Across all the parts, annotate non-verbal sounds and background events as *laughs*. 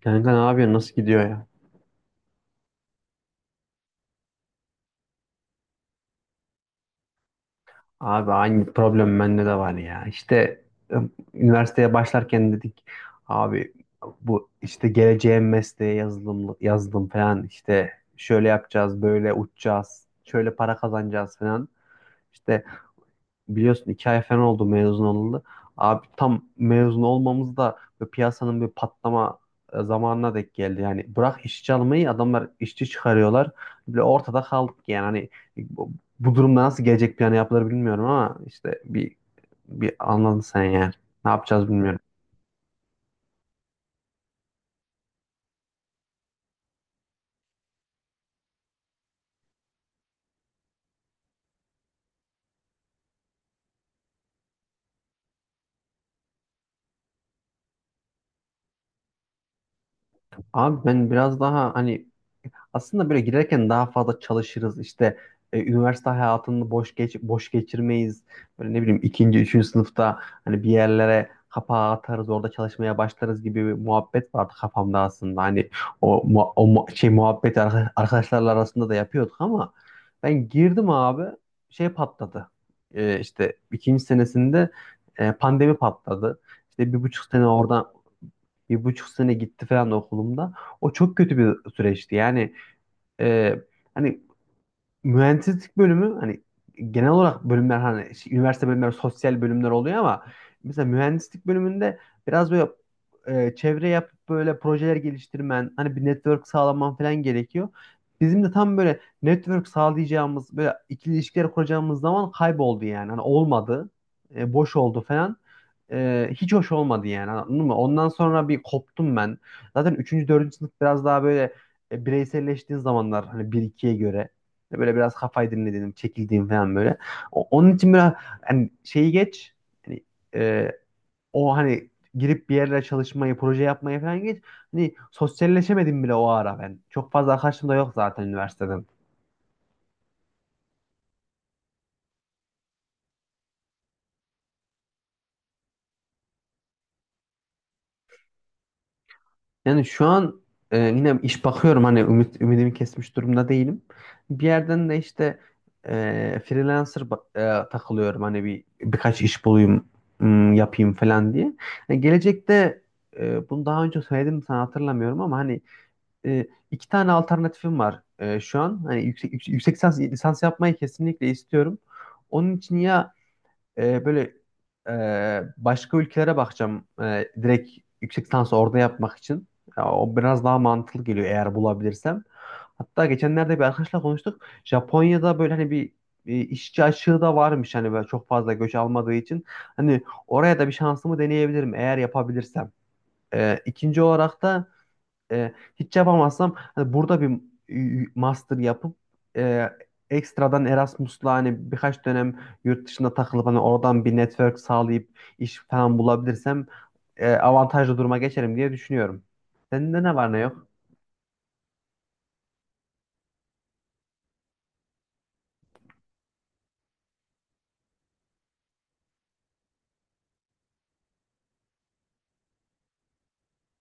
Kanka ne yapıyorsun? Nasıl gidiyor ya? Abi aynı problem bende de var ya. İşte e, üniversiteye başlarken dedik, abi bu işte geleceğim mesleğe yazılım yazdım falan, işte şöyle yapacağız, böyle uçacağız, şöyle para kazanacağız falan. İşte biliyorsun, 2 ay falan oldu mezun olalı. Abi tam mezun olmamız da böyle piyasanın bir patlama zamanına denk geldi. Yani bırak işçi almayı, adamlar işçi çıkarıyorlar. Böyle ortada kaldık yani, hani e, bu, bu durumda nasıl gelecek planı yapılır bilmiyorum, ama işte bir anladın sen yani. Ne yapacağız bilmiyorum. Abi ben biraz daha, hani aslında böyle girerken daha fazla çalışırız. İşte üniversite hayatını boş geçirmeyiz. Böyle ne bileyim, ikinci, üçüncü sınıfta hani bir yerlere kapağı atarız, orada çalışmaya başlarız gibi bir muhabbet vardı kafamda aslında. Hani şey muhabbeti arkadaşlarla arasında da yapıyorduk, ama ben girdim abi, şey patladı. İşte ikinci senesinde pandemi patladı. İşte 1,5 sene oradan 1,5 sene gitti falan okulumda. O çok kötü bir süreçti. Yani ee, hani mühendislik bölümü, hani genel olarak bölümler, hani şey, üniversite bölümleri sosyal bölümler oluyor, ama mesela mühendislik bölümünde biraz böyle çevre yapıp böyle projeler geliştirmen, hani bir network sağlaman falan gerekiyor. Bizim de tam böyle network sağlayacağımız, böyle ikili ilişkiler kuracağımız zaman kayboldu yani. Hani olmadı. E, boş oldu falan. E, hiç hoş olmadı yani. Anladın mı? Ondan sonra bir koptum ben. Zaten üçüncü dördüncü sınıf biraz daha böyle bireyselleştiğin zamanlar, hani bir ikiye göre. İşte böyle biraz kafayı dinlediğim, çekildiğim falan böyle. Onun için biraz hani şeyi geç. Hani e, o hani girip bir yerlere çalışmayı, proje yapmayı falan geç. Hani sosyalleşemedim bile o ara ben. Çok fazla arkadaşım da yok zaten üniversiteden. Yani şu an yine iş bakıyorum, hani ümidimi kesmiş durumda değilim. Bir yerden de işte e, freelancer takılıyorum, hani birkaç iş bulayım, yapayım falan diye. Yani gelecekte bunu daha önce söyledim mi sana, hatırlamıyorum, ama hani 2 tane alternatifim var şu an. Hani yüksek lisans yapmayı kesinlikle istiyorum. Onun için ya böyle e, başka ülkelere bakacağım, direkt yüksek lisansı orada yapmak için. Ya, o biraz daha mantıklı geliyor, eğer bulabilirsem. Hatta geçenlerde bir arkadaşla konuştuk. Japonya'da böyle, hani bir işçi açığı da varmış, hani böyle çok fazla göç almadığı için. Hani oraya da bir şansımı deneyebilirim, eğer yapabilirsem. İkinci olarak da hiç yapamazsam, hani burada bir master yapıp, e, ekstradan Erasmus'la hani birkaç dönem yurt dışında takılıp, hani oradan bir network sağlayıp iş falan bulabilirsem avantajlı duruma geçerim diye düşünüyorum. Senin de ne var ne yok?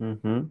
Hı hı.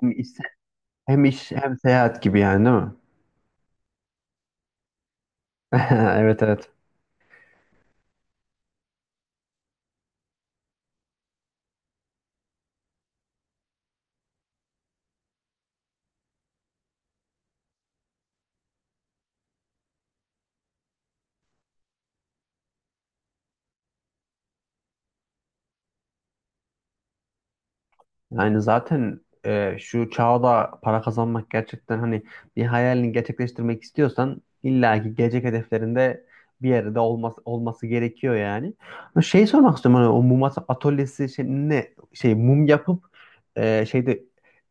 Hem iş, hem iş hem seyahat gibi yani, değil mi? *laughs* Evet, evet. Yani zaten şu çağda para kazanmak gerçekten, hani bir hayalini gerçekleştirmek istiyorsan illaki gelecek hedeflerinde bir yerde olması gerekiyor yani. Ama şey sormak istiyorum, hani o mum atölyesi, şey, ne şey mum yapıp şeyde,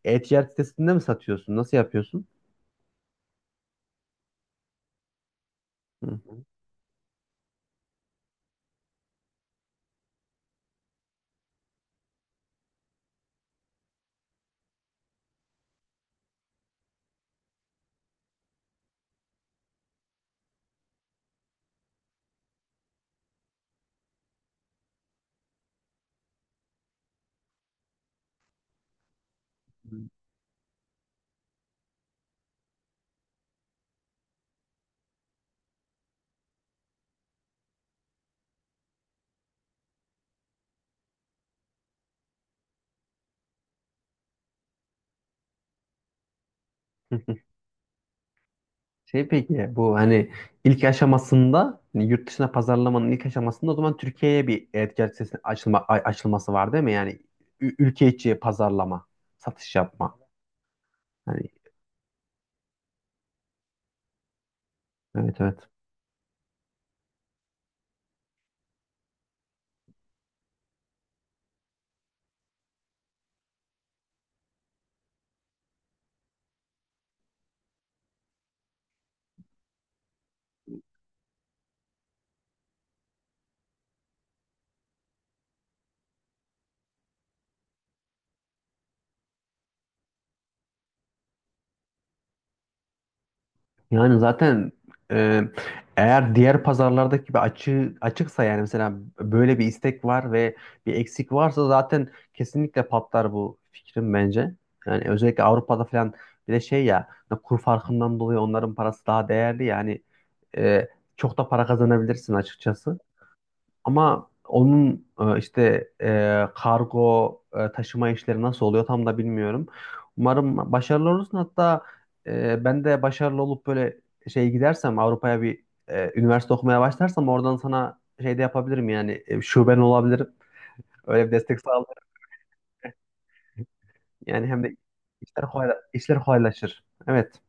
e-ticaret sitesinde mi satıyorsun? Nasıl yapıyorsun? Hı. Hı. *laughs* Şey peki bu hani ilk aşamasında, hani yurt dışına pazarlamanın ilk aşamasında, o zaman Türkiye'ye bir e-ticaret sitesinin açılması var değil mi? Yani ülke içi pazarlama, satış yapma. Hani evet, evet. Yani zaten e, eğer diğer pazarlardaki gibi açığı açıksa, yani mesela böyle bir istek var ve bir eksik varsa, zaten kesinlikle patlar bu fikrim bence. Yani özellikle Avrupa'da falan, bir de şey ya, hani kur farkından dolayı onların parası daha değerli yani, e, çok da para kazanabilirsin açıkçası. Ama onun işte kargo taşıma işleri nasıl oluyor, tam da bilmiyorum. Umarım başarılı olursun. Hatta ben de başarılı olup, böyle şey, gidersem Avrupa'ya, bir üniversite okumaya başlarsam, oradan sana şey de yapabilirim yani, şuben olabilirim. Öyle bir destek sağlarım. Yani hem de işler kolaylaşır. Evet.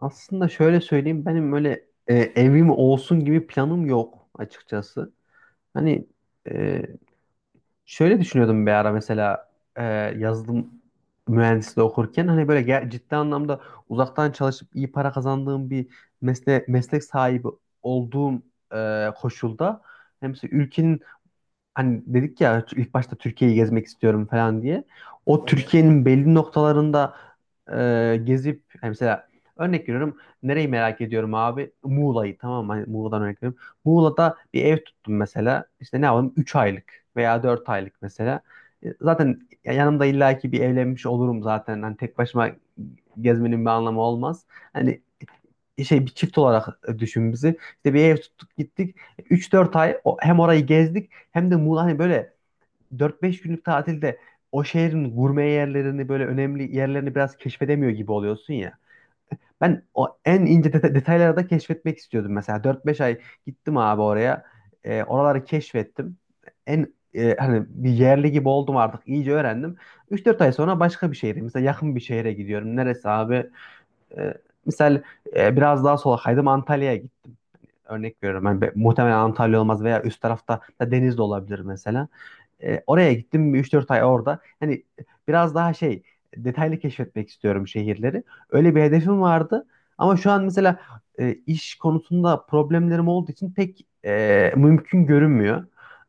Aslında şöyle söyleyeyim, benim öyle evim olsun gibi planım yok açıkçası. Hani e, şöyle düşünüyordum bir ara, mesela e, yazılım mühendisliği okurken, hani böyle ciddi anlamda uzaktan çalışıp iyi para kazandığım bir meslek sahibi olduğum koşulda, hem mesela ülkenin, hani dedik ya ilk başta Türkiye'yi gezmek istiyorum falan diye. O, evet. Türkiye'nin belli noktalarında gezip, hani mesela örnek veriyorum, nereyi merak ediyorum abi? Muğla'yı, tamam mı? Hani Muğla'dan örnek veriyorum. Muğla'da bir ev tuttum mesela. İşte ne yapalım, 3 aylık veya 4 aylık mesela. Zaten yanımda illaki bir evlenmiş olurum zaten. Hani tek başıma gezmenin bir anlamı olmaz. Hani şey, bir çift olarak düşün bizi. İşte bir ev tuttuk gittik. Üç dört ay hem orayı gezdik, hem de Muğla hani böyle 4-5 günlük tatilde, o şehrin gurme yerlerini, böyle önemli yerlerini biraz keşfedemiyor gibi oluyorsun ya. Ben o en ince detayları da keşfetmek istiyordum mesela. Dört beş ay gittim abi oraya. Oraları keşfettim. En, hani bir yerli gibi oldum artık. İyice öğrendim. Üç dört ay sonra başka bir şehre, mesela yakın bir şehre gidiyorum. Neresi abi? E, Misal, biraz daha sola kaydım, Antalya'ya gittim. Örnek veriyorum. Yani muhtemelen Antalya olmaz, veya üst tarafta da deniz de olabilir mesela. Oraya gittim, 3-4 ay orada. Hani biraz daha şey, detaylı keşfetmek istiyorum şehirleri. Öyle bir hedefim vardı. Ama şu an mesela iş konusunda problemlerim olduğu için pek mümkün görünmüyor.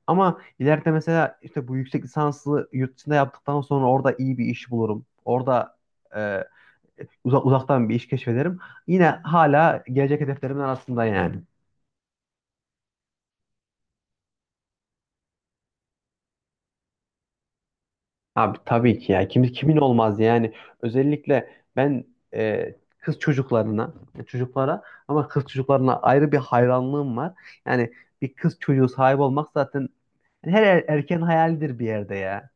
Ama ileride, mesela işte bu yüksek lisanslı yurt dışında yaptıktan sonra orada iyi bir iş bulurum. Orada uzaktan bir iş keşfederim. Yine hala gelecek hedeflerimin arasında yani. Abi tabii ki ya. Kimin olmaz yani. Özellikle ben kız çocuklarına, çocuklara, ama kız çocuklarına ayrı bir hayranlığım var. Yani bir kız çocuğu sahibi olmak zaten her erkeğin hayalidir bir yerde ya.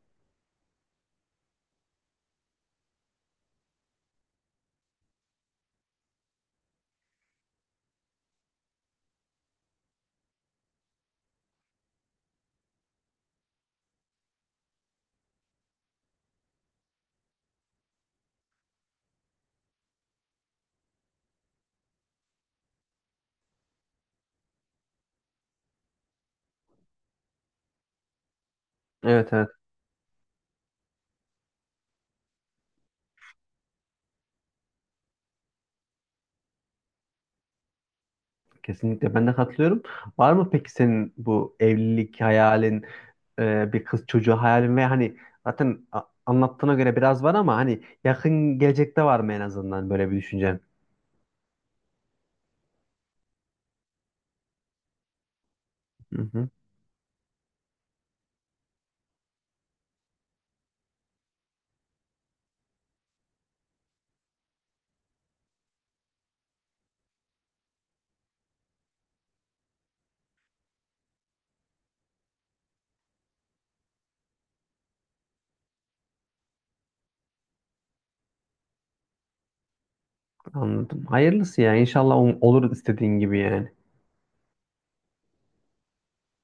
Evet, evet. Kesinlikle ben de katılıyorum. Var mı peki senin bu evlilik hayalin, bir kız çocuğu hayalin, ve hani zaten anlattığına göre biraz var, ama hani yakın gelecekte var mı en azından böyle bir düşüncen? Hı hı, anladım. Hayırlısı ya. İnşallah olur istediğin gibi yani.